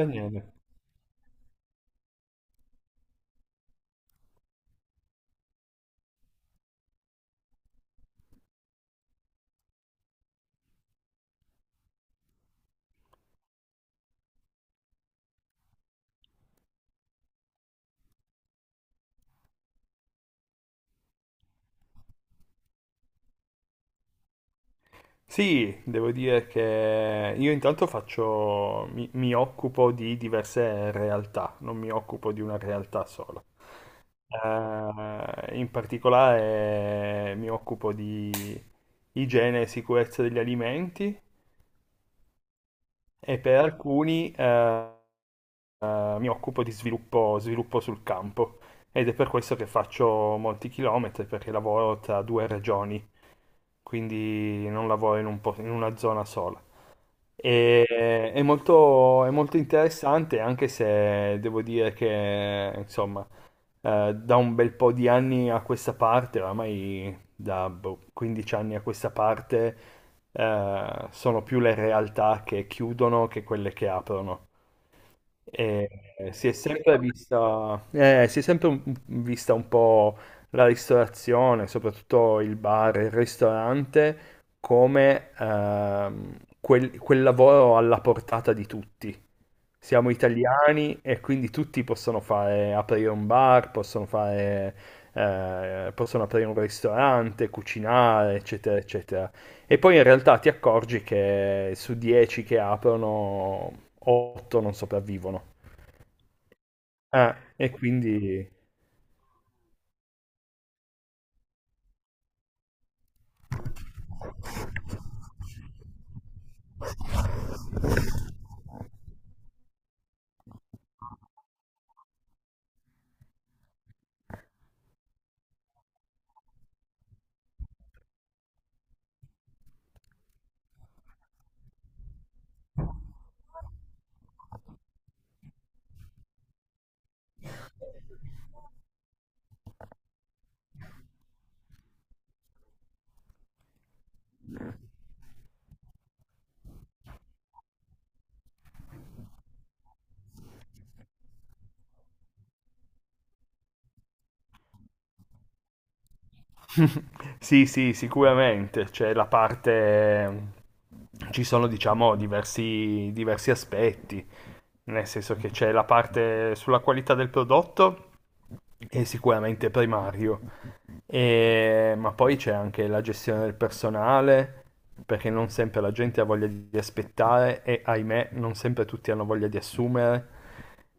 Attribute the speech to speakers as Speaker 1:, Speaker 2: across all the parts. Speaker 1: Io niente. Sì, devo dire che io intanto faccio, mi occupo di diverse realtà, non mi occupo di una realtà sola. In particolare mi occupo di igiene e sicurezza degli alimenti e per alcuni mi occupo di sviluppo, sviluppo sul campo ed è per questo che faccio molti chilometri perché lavoro tra due regioni, quindi non lavoro in una zona sola. È molto, è molto interessante, anche se devo dire che, insomma, da un bel po' di anni a questa parte, oramai da boh, 15 anni a questa parte, sono più le realtà che chiudono che quelle che aprono. E si è sempre vista, si è sempre un- vista un po' la ristorazione, soprattutto il bar, il ristorante, come quel lavoro alla portata di tutti. Siamo italiani e quindi tutti aprire un bar, possono aprire un ristorante, cucinare, eccetera, eccetera. E poi in realtà ti accorgi che su 10 che aprono, 8 non sopravvivono. E quindi. Sì, sì, sicuramente. C'è la parte. Ci sono, diciamo, diversi aspetti, nel senso che c'è la parte sulla qualità del prodotto, è sicuramente primario. Ma poi c'è anche la gestione del personale, perché non sempre la gente ha voglia di aspettare e, ahimè, non sempre tutti hanno voglia di assumere.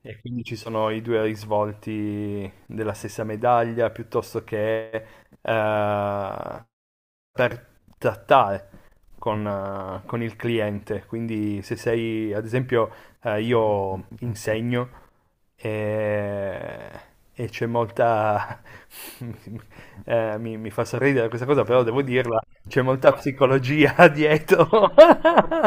Speaker 1: E quindi ci sono i due risvolti della stessa medaglia, piuttosto che eh, per trattare con il cliente. Quindi se sei, ad esempio, io insegno e, e c'è molta. Mi fa sorridere questa cosa, però devo dirla, c'è molta psicologia dietro.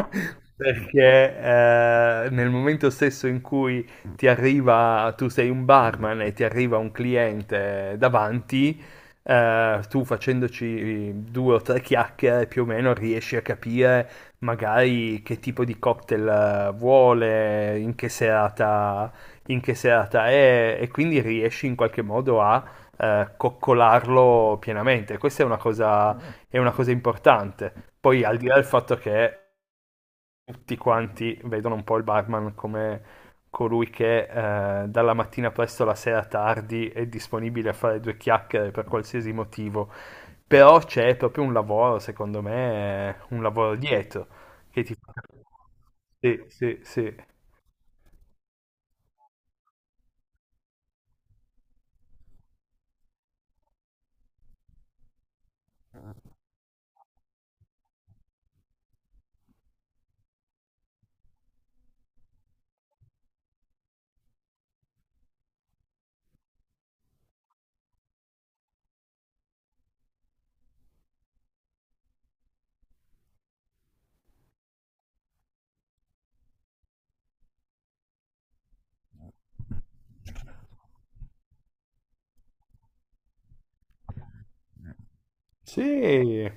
Speaker 1: Perché nel momento stesso in cui ti arriva, tu sei un barman e ti arriva un cliente davanti, tu facendoci due o tre chiacchiere più o meno riesci a capire magari che tipo di cocktail vuole, in che serata è e quindi riesci in qualche modo a coccolarlo pienamente. Questa è una cosa importante. Poi al di là del fatto che tutti quanti vedono un po' il barman come colui che dalla mattina presto alla sera tardi è disponibile a fare due chiacchiere per qualsiasi motivo, però c'è proprio un lavoro, secondo me, un lavoro dietro che ti fa capire. Sì, sì, sì. Sì,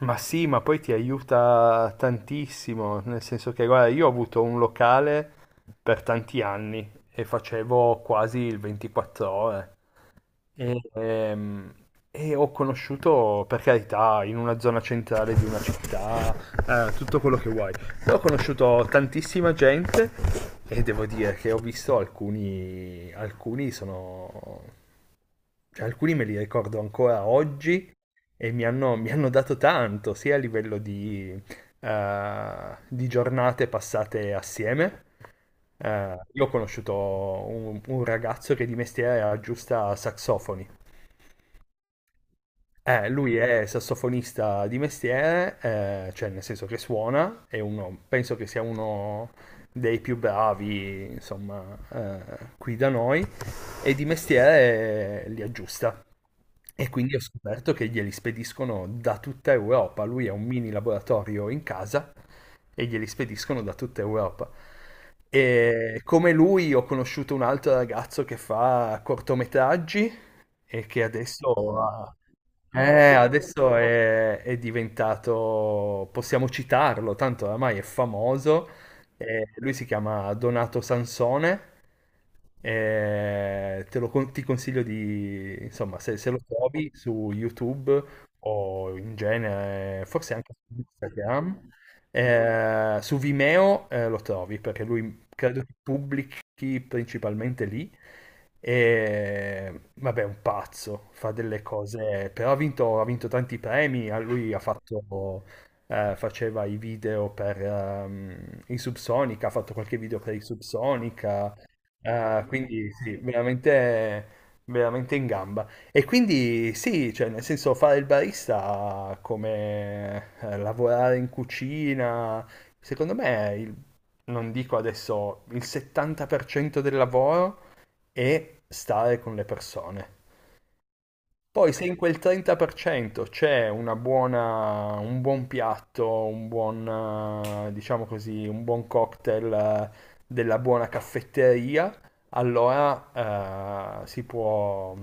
Speaker 1: ma poi ti aiuta tantissimo, nel senso che, guarda, io ho avuto un locale per tanti anni e facevo quasi il 24 ore. E, ehm, e ho conosciuto, per carità, in una zona centrale di una città, tutto quello che vuoi. Però ho conosciuto tantissima gente e devo dire che ho visto cioè, alcuni me li ricordo ancora oggi e mi hanno dato tanto, sia a livello di giornate passate assieme. Io ho conosciuto un ragazzo che di mestiere aggiusta saxofoni. Lui è sassofonista di mestiere, cioè nel senso che suona, è uno, penso che sia uno dei più bravi, insomma, qui da noi, e di mestiere li aggiusta. E quindi ho scoperto che glieli spediscono da tutta Europa. Lui ha un mini laboratorio in casa e glieli spediscono da tutta Europa. E come lui ho conosciuto un altro ragazzo che fa cortometraggi e che adesso è diventato, possiamo citarlo, tanto oramai è famoso. Lui si chiama Donato Sansone. Ti consiglio di, insomma, se lo trovi su YouTube o in genere, forse anche su Instagram, su Vimeo, lo trovi perché lui credo che pubblichi giochi principalmente lì. E vabbè, è un pazzo, fa delle cose, però ha vinto tanti premi. A Lui ha fatto, faceva i video per i Subsonica, ha fatto qualche video per i Subsonica. Quindi sì, veramente, veramente in gamba. E quindi sì, cioè, nel senso fare il barista come lavorare in cucina, secondo me non dico adesso il 70% del lavoro è stare con le persone. Poi se in quel 30% c'è un buon piatto, diciamo così, un buon cocktail della buona caffetteria, allora si può,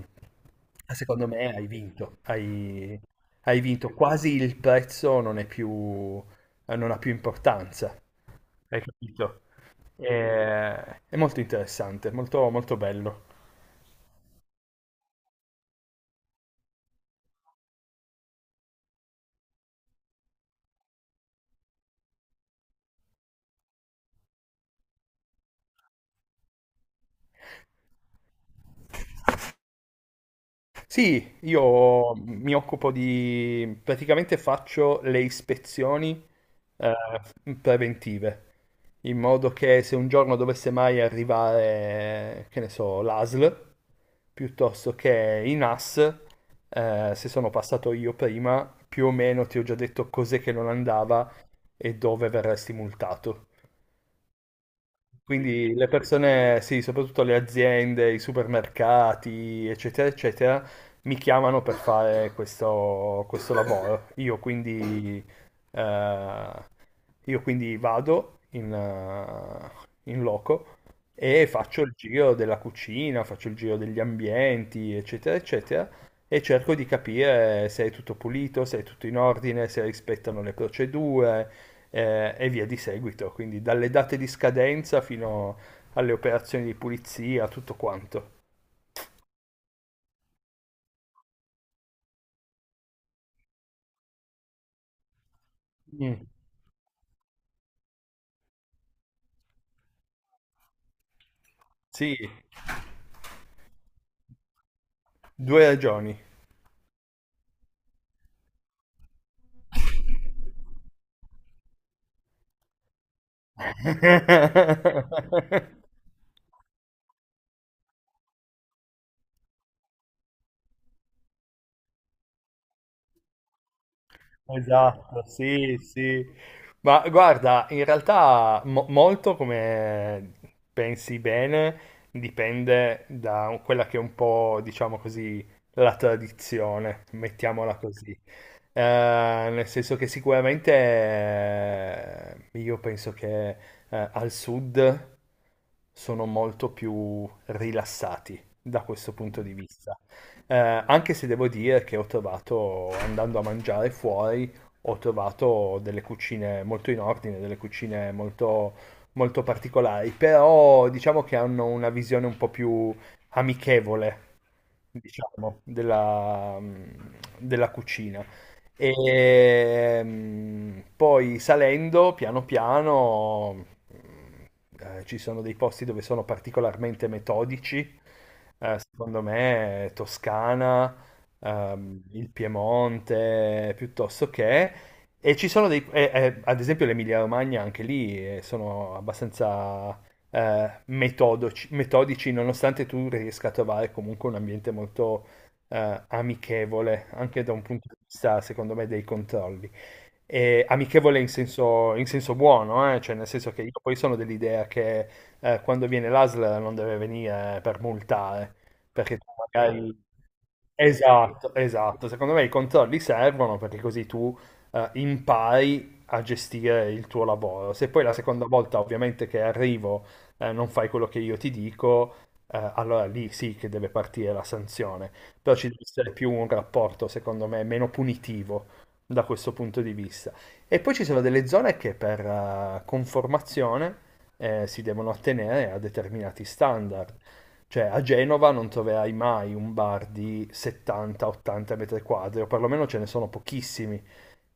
Speaker 1: secondo me hai vinto, hai vinto, quasi il prezzo non è più, non ha più importanza, hai capito? È, è molto interessante, molto, molto bello. Sì, io mi occupo praticamente faccio le ispezioni eh, preventive, in modo che se un giorno dovesse mai arrivare, che ne so, l'ASL, piuttosto che i NAS, se sono passato io prima, più o meno ti ho già detto cos'è che non andava e dove verresti multato. Quindi le persone, sì, soprattutto le aziende, i supermercati, eccetera, eccetera, mi chiamano per fare questo lavoro. Eh, io quindi vado in loco e faccio il giro della cucina, faccio il giro degli ambienti, eccetera, eccetera, e cerco di capire se è tutto pulito, se è tutto in ordine, se rispettano le procedure e via di seguito, quindi dalle date di scadenza fino alle operazioni di pulizia, tutto quanto. Mm. Sì, due ragioni. Esatto, sì, sì. Ma guarda, in realtà molto come pensi bene dipende da quella che è un po', diciamo così, la tradizione, mettiamola così. Eh, nel senso che sicuramente io penso che al sud sono molto più rilassati da questo punto di vista. Eh, anche se devo dire che ho trovato, andando a mangiare fuori, ho trovato delle cucine molto in ordine, delle cucine molto, molto particolari, però diciamo che hanno una visione un po' più amichevole, diciamo, della cucina. E poi salendo piano piano ci sono dei posti dove sono particolarmente metodici, secondo me Toscana, il Piemonte, piuttosto che. E ci sono ad esempio l'Emilia-Romagna anche lì sono abbastanza metodici, nonostante tu riesca a trovare comunque un ambiente molto amichevole, anche da un punto di vista, secondo me, dei controlli. E amichevole in senso buono, cioè nel senso che io poi sono dell'idea che quando viene l'ASL non deve venire per multare, perché tu magari. Esatto, esatto. Secondo me i controlli servono perché così tu impari a gestire il tuo lavoro. Se poi la seconda volta ovviamente che arrivo non fai quello che io ti dico, allora lì sì che deve partire la sanzione. Però ci deve essere più un rapporto, secondo me, meno punitivo da questo punto di vista. E poi ci sono delle zone che per conformazione si devono attenere a determinati standard. Cioè a Genova non troverai mai un bar di 70-80 metri quadri, o perlomeno ce ne sono pochissimi.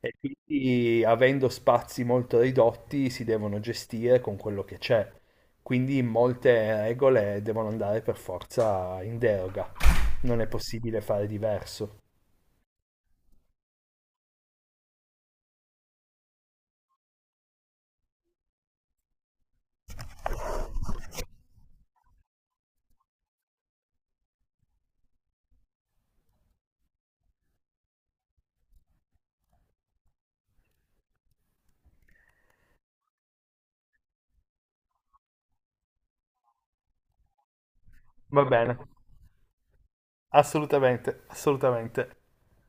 Speaker 1: E quindi avendo spazi molto ridotti si devono gestire con quello che c'è. Quindi molte regole devono andare per forza in deroga. Non è possibile fare diverso. Va bene. Assolutamente, assolutamente.